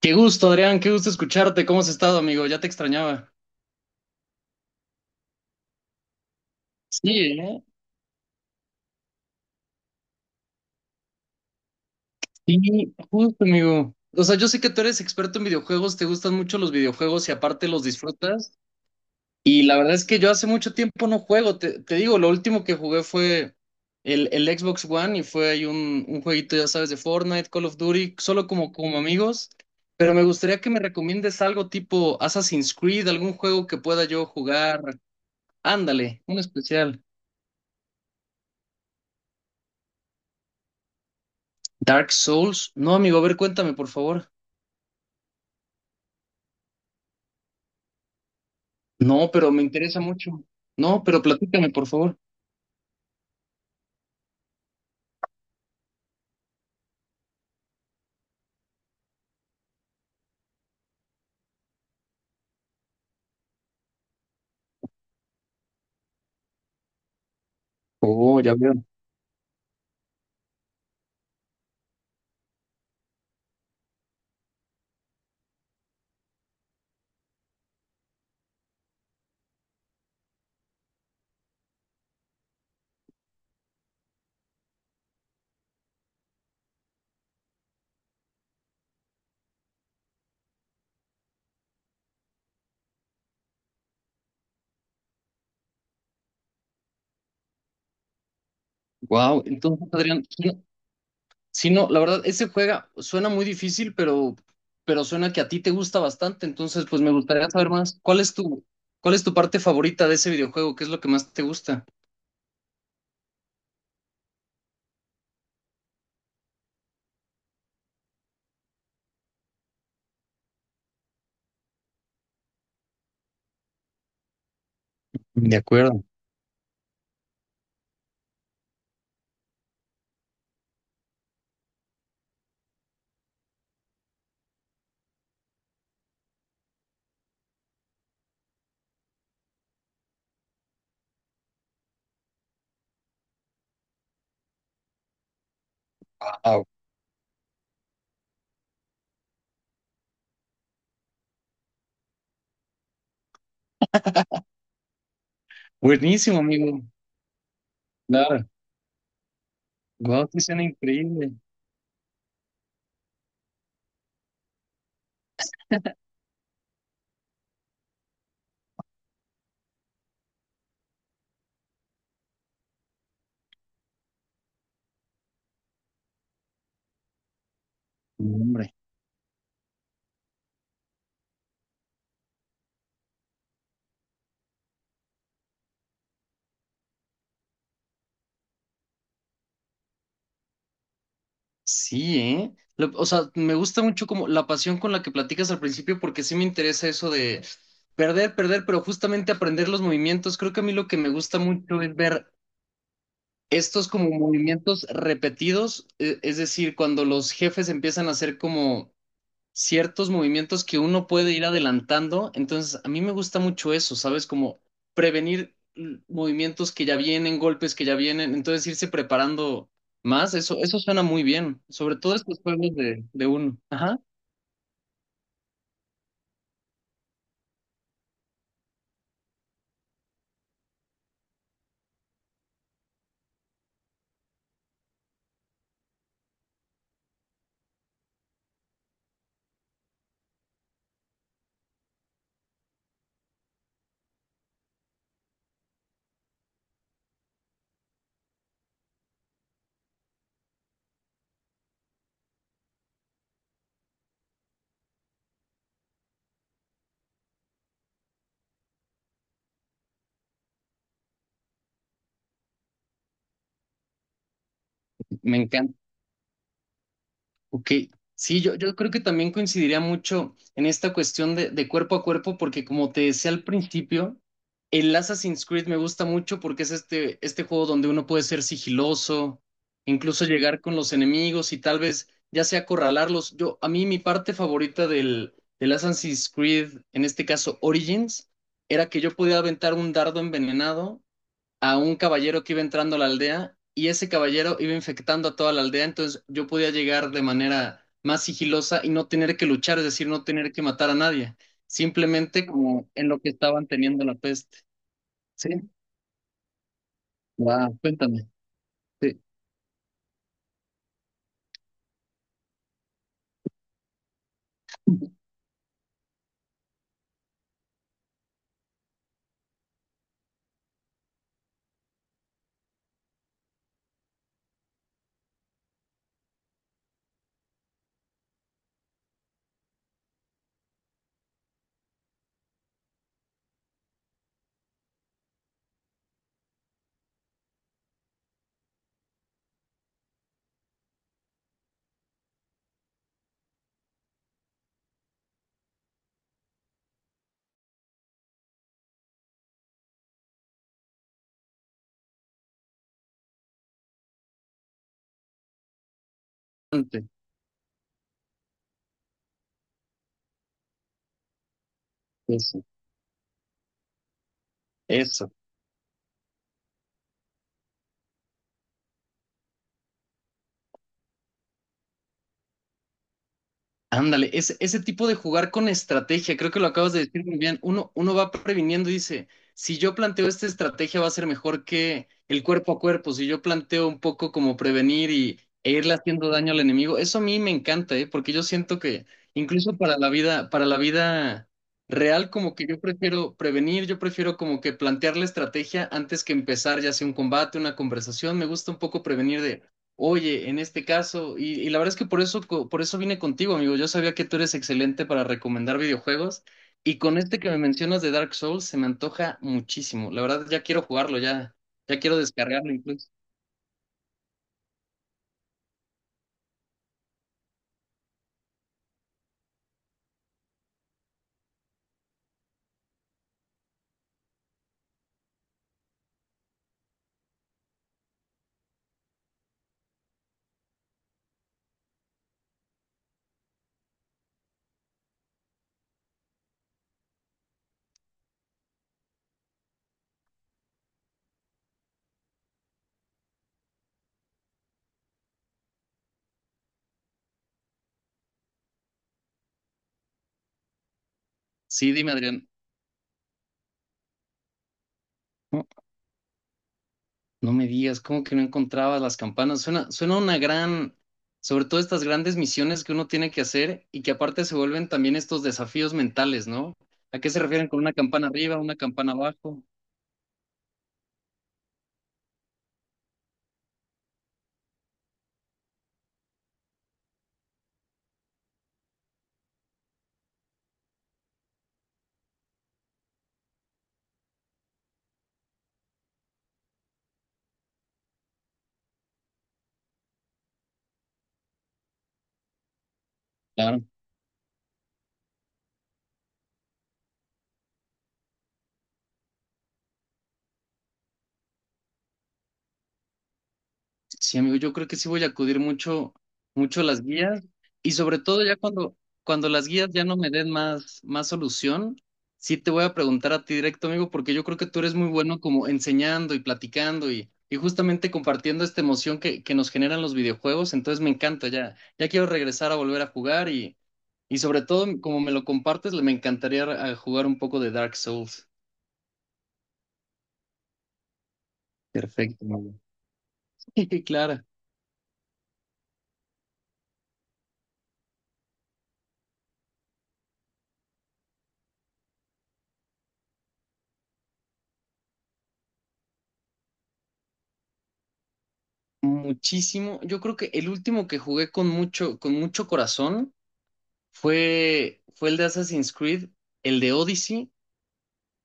Qué gusto, Adrián, qué gusto escucharte. ¿Cómo has estado, amigo? Ya te extrañaba. Sí, ¿eh? Sí, justo, amigo. O sea, yo sé que tú eres experto en videojuegos, te gustan mucho los videojuegos y aparte los disfrutas. Y la verdad es que yo hace mucho tiempo no juego. Te digo, lo último que jugué fue el Xbox One y fue ahí un jueguito, ya sabes, de Fortnite, Call of Duty, solo como, como amigos. Pero me gustaría que me recomiendes algo tipo Assassin's Creed, algún juego que pueda yo jugar. Ándale, un especial. Dark Souls. No, amigo, a ver, cuéntame, por favor. No, pero me interesa mucho. No, pero platícame, por favor. Oh, ya veo. Wow. Entonces, Adrián, sí, sí, no, la verdad, ese juega suena muy difícil, pero suena que a ti te gusta bastante. Entonces, pues me gustaría saber más. Cuál es tu parte favorita de ese videojuego? ¿Qué es lo que más te gusta? De acuerdo. Wow. Buenísimo, amigo. Claro. Wow, sí suena increíble. Hombre. Sí, ¿eh? O sea, me gusta mucho como la pasión con la que platicas al principio porque sí me interesa eso de perder, perder, pero justamente aprender los movimientos. Creo que a mí lo que me gusta mucho es ver estos como movimientos repetidos, es decir, cuando los jefes empiezan a hacer como ciertos movimientos que uno puede ir adelantando. Entonces, a mí me gusta mucho eso, ¿sabes? Como prevenir movimientos que ya vienen, golpes que ya vienen, entonces irse preparando más, eso suena muy bien, sobre todo estos juegos de uno. Ajá, me encanta. Ok, sí, yo creo que también coincidiría mucho en esta cuestión de cuerpo a cuerpo, porque como te decía al principio, el Assassin's Creed me gusta mucho porque es este, este juego donde uno puede ser sigiloso, incluso llegar con los enemigos y tal vez ya sea acorralarlos. Yo, a mí mi parte favorita del, del Assassin's Creed, en este caso Origins, era que yo podía aventar un dardo envenenado a un caballero que iba entrando a la aldea y ese caballero iba infectando a toda la aldea, entonces yo podía llegar de manera más sigilosa y no tener que luchar, es decir, no tener que matar a nadie, simplemente como en lo que estaban teniendo la peste. Sí, wow, cuéntame. Sí, cuéntame. Eso, eso. Ándale, ese tipo de jugar con estrategia, creo que lo acabas de decir muy bien. Uno, uno va previniendo y dice, si yo planteo esta estrategia va a ser mejor que el cuerpo a cuerpo, si yo planteo un poco como prevenir y, e irle haciendo daño al enemigo, eso a mí me encanta, ¿eh? Porque yo siento que incluso para la vida real, como que yo prefiero prevenir, yo prefiero como que plantear la estrategia antes que empezar ya sea un combate, una conversación, me gusta un poco prevenir de... Oye, en este caso, y la verdad es que por eso, por eso vine contigo, amigo. Yo sabía que tú eres excelente para recomendar videojuegos y con este que me mencionas de Dark Souls se me antoja muchísimo. La verdad, ya quiero jugarlo, ya, ya quiero descargarlo incluso. Sí, dime, Adrián. No, no me digas, ¿cómo que no encontrabas las campanas? Suena, suena una gran, sobre todo estas grandes misiones que uno tiene que hacer y que aparte se vuelven también estos desafíos mentales, ¿no? ¿A qué se refieren con una campana arriba, una campana abajo? Claro. Sí, amigo, yo creo que sí voy a acudir mucho, mucho a las guías y sobre todo ya cuando, cuando las guías ya no me den más, más solución, sí te voy a preguntar a ti directo, amigo, porque yo creo que tú eres muy bueno como enseñando y platicando y justamente compartiendo esta emoción que nos generan los videojuegos, entonces me encanta, ya, ya quiero regresar a volver a jugar y sobre todo como me lo compartes, me encantaría jugar un poco de Dark Souls. Perfecto, amigo. Claro. Muchísimo. Yo creo que el último que jugué con mucho corazón fue, fue el de Assassin's Creed, el de Odyssey,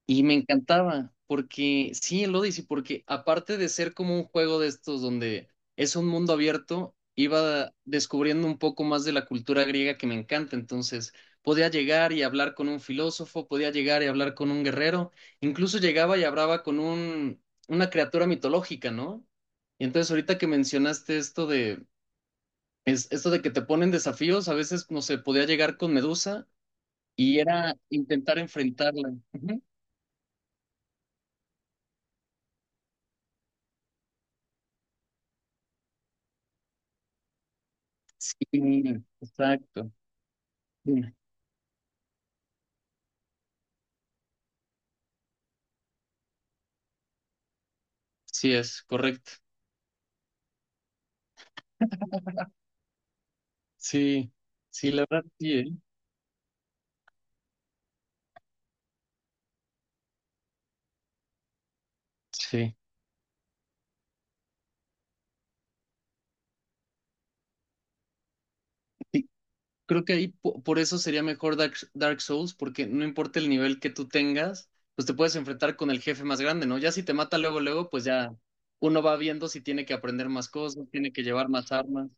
y me encantaba, porque sí, el Odyssey, porque aparte de ser como un juego de estos donde es un mundo abierto, iba descubriendo un poco más de la cultura griega que me encanta. Entonces, podía llegar y hablar con un filósofo, podía llegar y hablar con un guerrero, incluso llegaba y hablaba con un, una criatura mitológica, ¿no? Y entonces ahorita que mencionaste esto de, esto de que te ponen desafíos, a veces, no sé, podía llegar con Medusa y era intentar enfrentarla. Sí, exacto. Dime. Sí, es correcto. Sí, sí, la verdad, sí, ¿eh? Sí. Sí, creo que ahí por eso sería mejor Dark, Dark Souls, porque no importa el nivel que tú tengas, pues te puedes enfrentar con el jefe más grande, ¿no? Ya si te mata luego, luego, pues ya uno va viendo si tiene que aprender más cosas, tiene que llevar más armas.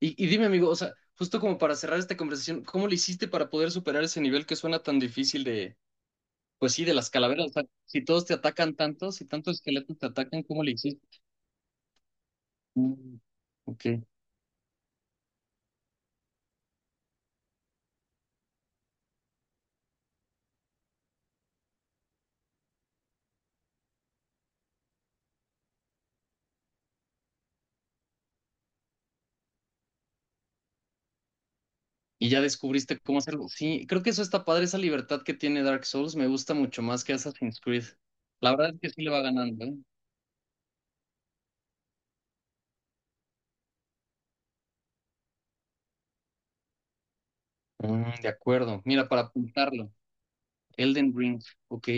Y dime, amigo, o sea, justo como para cerrar esta conversación, ¿cómo le hiciste para poder superar ese nivel que suena tan difícil de... Pues sí, de las calaveras. O sea, si todos te atacan tanto, si tantos esqueletos te atacan, ¿cómo le hiciste? Mm, ok. Y ya descubriste cómo hacerlo. Sí, creo que eso está padre, esa libertad que tiene Dark Souls. Me gusta mucho más que Assassin's Creed. La verdad es que sí le va ganando, ¿eh? Mm, de acuerdo. Mira, para apuntarlo. Elden Ring. Ok.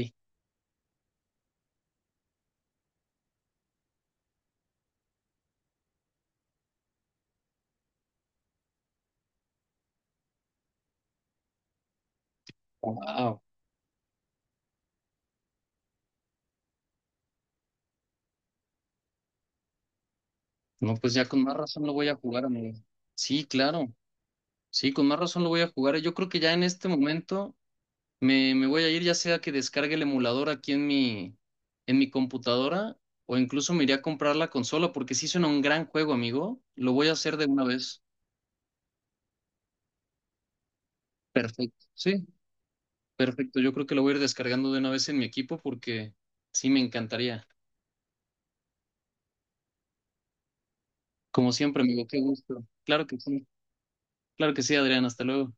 Wow. No, pues ya con más razón lo voy a jugar, amigo. Sí, claro. Sí, con más razón lo voy a jugar. Yo creo que ya en este momento. Me voy a ir ya sea que descargue el emulador aquí en mi computadora o incluso me iré a comprar la consola porque sí suena un gran juego, amigo. Lo voy a hacer de una vez. Perfecto. Sí, perfecto. Yo creo que lo voy a ir descargando de una vez en mi equipo porque sí me encantaría. Como siempre, amigo, qué gusto. Claro que sí. Claro que sí, Adrián. Hasta luego.